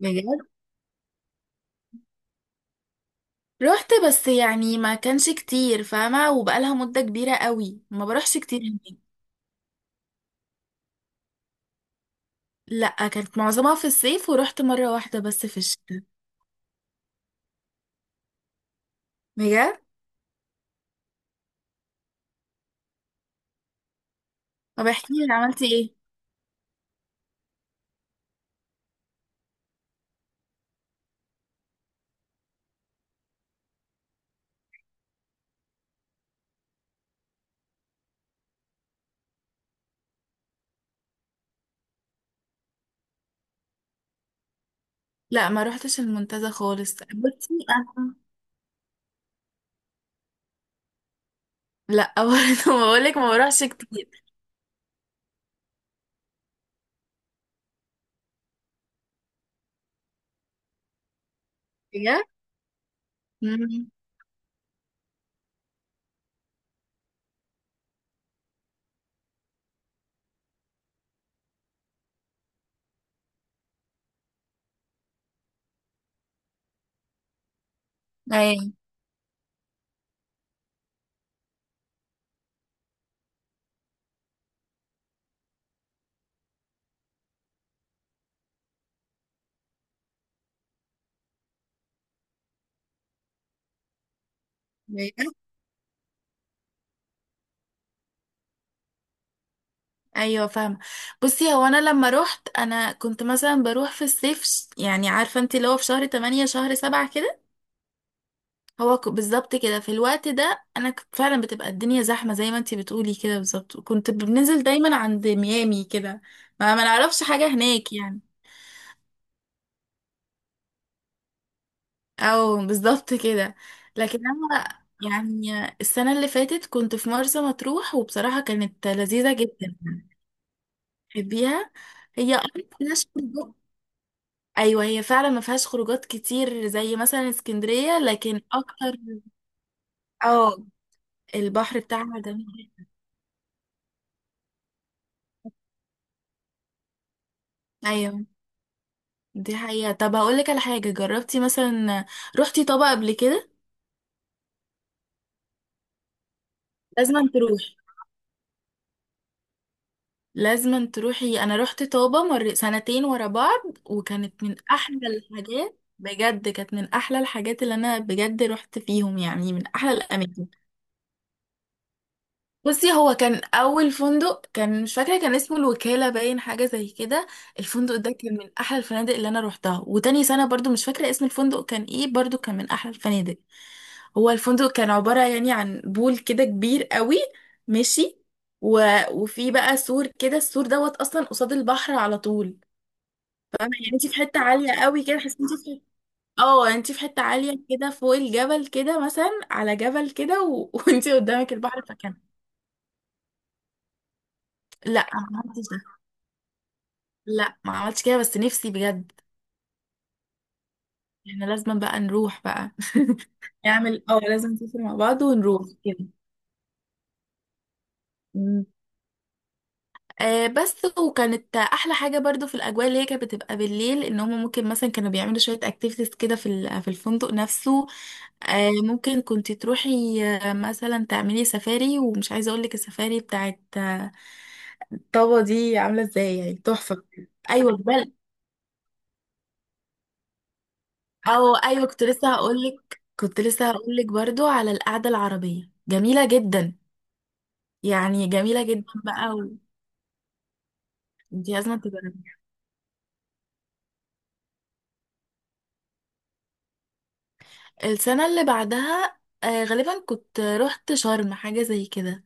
بجد. رحت بس يعني ما كانش كتير فاهمة، وبقالها مدة كبيرة قوي ما بروحش كتير هناك. لا، كانت معظمها في الصيف ورحت مرة واحدة بس في الشتاء. بجد. طب احكي لي عملتي ايه. لا، ما روحتش المنتزه خالص. بصي انا، لا برضه بقولك ما بروحش كتير. بجد. مم. ايوه. بجد؟ ايوه فاهمه. بصي هو انا لما روحت انا كنت مثلا بروح في الصيف، يعني عارفه انت اللي هو في شهر 8 شهر 7 كده. بالظبط كده في الوقت ده انا كنت فعلا بتبقى الدنيا زحمه، زي ما انتي بتقولي كده بالظبط. كنت بننزل دايما عند ميامي كده. ما نعرفش حاجه هناك يعني. او بالظبط كده. لكن انا يعني السنه اللي فاتت كنت في مرسى مطروح وبصراحه كانت لذيذه جدا. تحبيها؟ هي مفيهاش خروجات. ايوه هي فعلا ما فيهاش خروجات كتير زي مثلا اسكندريه، لكن اكتر. اه. البحر بتاعها جميل. ايوه. دي حقيقة. طب هقول لك على حاجة، جربتي مثلا رحتي طابة قبل كده؟ لازم تروح لازم تروحي. انا رحت طابة مر سنتين ورا بعض، وكانت من احلى الحاجات. بجد كانت من احلى الحاجات اللي انا بجد رحت فيهم، يعني من احلى الاماكن. بصي هو كان اول فندق، كان مش فاكرة، كان اسمه الوكالة باين حاجة زي كده. الفندق ده كان من احلى الفنادق اللي انا روحتها. وتاني سنة برضو مش فاكرة اسم الفندق كان ايه، برضو كان من احلى الفنادق. هو الفندق كان عبارة يعني عن بول كده كبير قوي. ماشي. و... وفي بقى سور كده، السور دوت اصلا قصاد البحر على طول. فاهمة يعني انت في حتة عالية قوي كده، تحسي انت في، اه يعني انت في حتة عالية كده فوق الجبل كده، مثلا على جبل كده وانت قدامك البحر فكان. لا ما عملتش ده. لا ما عملتش كده، بس نفسي بجد. احنا لازم بقى نروح بقى. نعمل، اه لازم نسافر مع بعض ونروح كده. آه بس، وكانت احلى حاجه برضو في الاجواء اللي هي كانت بتبقى بالليل، ان هم ممكن مثلا كانوا بيعملوا شويه اكتيفيتيز كده في الفندق نفسه. آه ممكن كنت تروحي، مثلا تعملي سفاري. ومش عايزه اقول لك السفاري بتاعت طابا دي عامله ازاي، يعني تحفه. ايوه او ايوه، كنت لسه هقول لك، برضو على القعده العربيه جميله جدا. يعني جميله جدا بقى انت لازم تجربيها. السنة اللي بعدها غالبا كنت رحت شرم حاجة زي كده.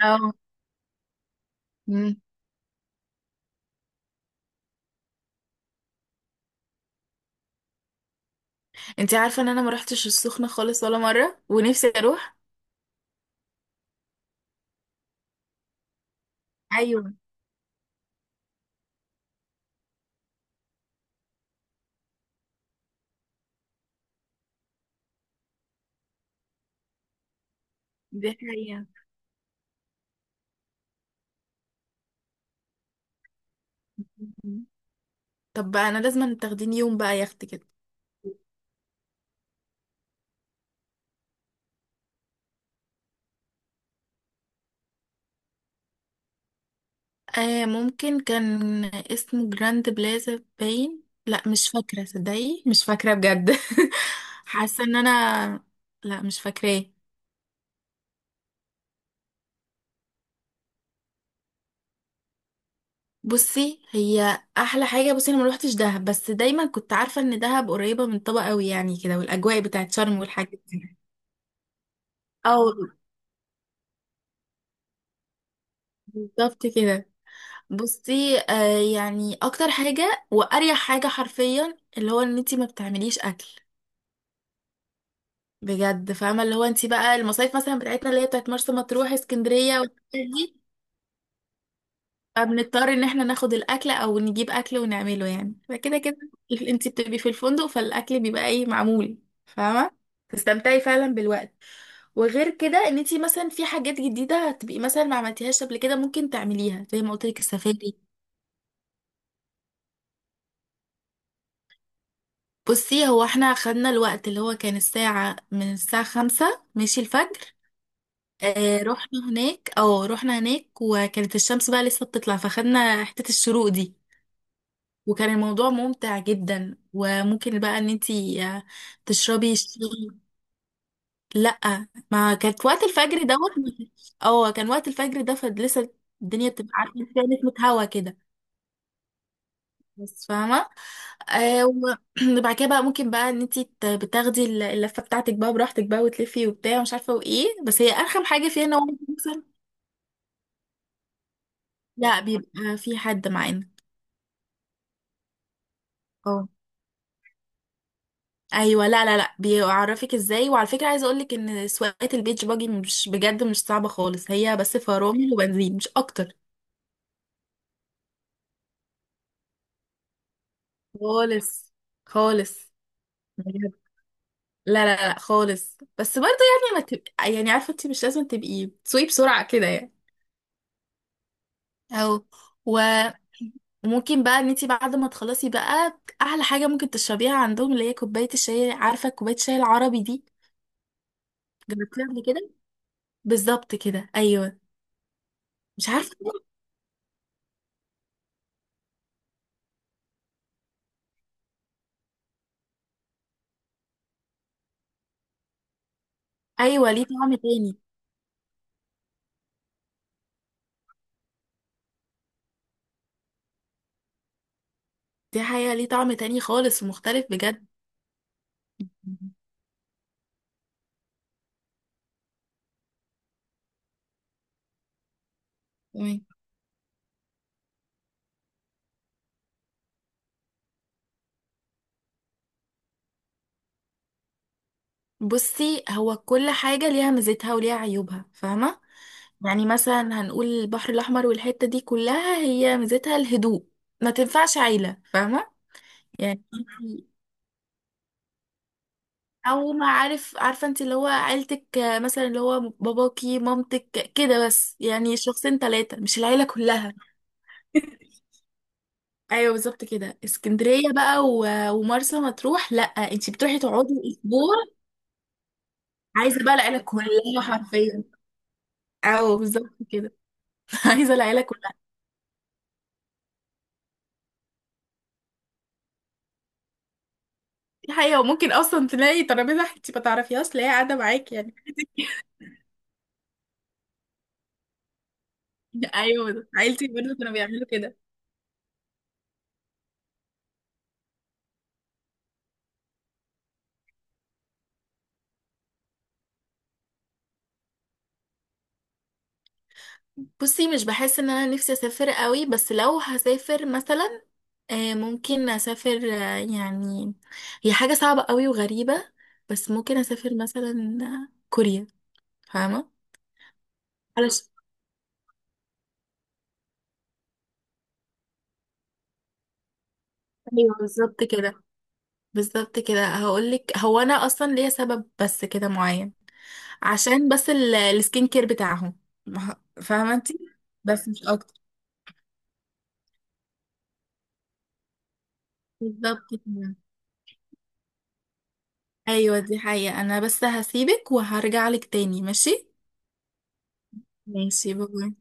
اه. مم. انتي عارفة ان انا ما رحتش السخنة خالص ولا مرة، ونفسي اروح. ايوه دي حقيقة. مم. طب بقى انا لازم تاخديني يوم بقى يخت كده. آه ممكن كان اسمه جراند بلازا باين، لا مش فاكرة، صدقي مش فاكرة بجد حاسة ان انا لا مش فاكراه. بصي هي احلى حاجه بصي انا ما روحتش دهب، بس دايما كنت عارفه ان دهب قريبه من طبق قوي يعني كده، والاجواء بتاعت شرم والحاجات دي. او بالظبط كده. بصي، يعني اكتر حاجه واريح حاجه حرفيا اللي هو ان انتي ما بتعمليش اكل. بجد فاهمه، اللي هو انتي بقى المصايف مثلا بتاعتنا اللي هي بتاعت مرسى مطروح، اسكندريه، والحاجات دي، فبنضطر ان احنا ناخد الاكل او نجيب اكل ونعمله يعني، فكده كده انت بتبقي في الفندق فالاكل بيبقى ايه، معمول. فاهمه، تستمتعي فعلا بالوقت. وغير كده ان انت مثلا في حاجات جديده هتبقي مثلا ما عملتيهاش قبل كده، ممكن تعمليها زي ما قلت لك، السفاري. بصي هو احنا خدنا الوقت اللي هو كان الساعة، من الساعة خمسة ماشي، الفجر. اه رحنا هناك، وكانت الشمس بقى لسه بتطلع، فخدنا حتة الشروق دي. وكان الموضوع ممتع جدا. وممكن بقى ان انتي تشربي الشاي. لا ما كانت، وقت الفجر دوت. اه كان وقت الفجر ده فلسه الدنيا بتبقى عارفه إن فيها نسمه هوا كده، بس فاهمه. آه و- وبعد كده بقى، ممكن بقى ان انتي بتاخدي اللفه بتاعتك بقى براحتك بقى، وتلفي وبتاع ومش عارفه وايه، بس هي ارخم حاجه فيها ان هو مثلا، لا بيبقى في حد معانا. اه. ايوه. لا، بيعرفك ازاي. وعلى فكره، عايزه اقولك ان سواقه البيتش باجي مش، بجد مش صعبه خالص، هي بس فرامل وبنزين مش اكتر. خالص خالص. بجد. لا لا لا خالص، بس برضه يعني ما تبقى، يعني عارفه انت مش لازم تبقي تسوقي بسرعه كده يعني. او وممكن بقى ان انت بعد ما تخلصي بقى، احلى حاجه ممكن تشربيها عندهم اللي هي كوبايه الشاي، عارفه كوبايه الشاي العربي دي، جربتيها قبل كده؟ بالظبط كده، ايوه. مش عارفه. ايوه، ليه طعم تاني. دي حقيقة، ليه طعم تاني خالص ومختلف بجد. تمام. بصي هو كل حاجة ليها ميزتها وليها عيوبها، فاهمة. يعني مثلا هنقول البحر الأحمر والحتة دي كلها، هي ميزتها الهدوء، ما تنفعش عيلة، فاهمة. يعني انتي- أو ما عارف، عارفة انت اللي هو عيلتك مثلا اللي هو باباكي مامتك كده، بس يعني شخصين تلاتة، مش العيلة كلها. أيوه بالظبط كده. اسكندرية بقى ومرسى مطروح لأ، انت بتروحي تقعدي أسبوع، عايزه بقى العيله كلها حرفيا. او بالظبط كده عايزه العيله كلها. دي حقيقه، وممكن اصلا تلاقي ترابيزه انت ما تعرفيهاش تلاقيها قاعده معاك يعني. ايوه ده. عيلتي برضه كانوا بيعملوا كده. بصي مش بحس ان انا نفسي اسافر قوي، بس لو هسافر مثلا ممكن اسافر، يعني هي حاجه صعبه قوي وغريبه، بس ممكن اسافر مثلا كوريا. فاهمه. علشان ايوه بالظبط كده. بالظبط كده هقولك، هو انا اصلا ليا سبب بس كده معين. عشان بس السكين كير بتاعهم، فاهمة انت. بس مش اكتر. بالظبط كده. ايوه دي حقيقة. انا بس هسيبك وهرجع لك تاني، ماشي. ماشي باي.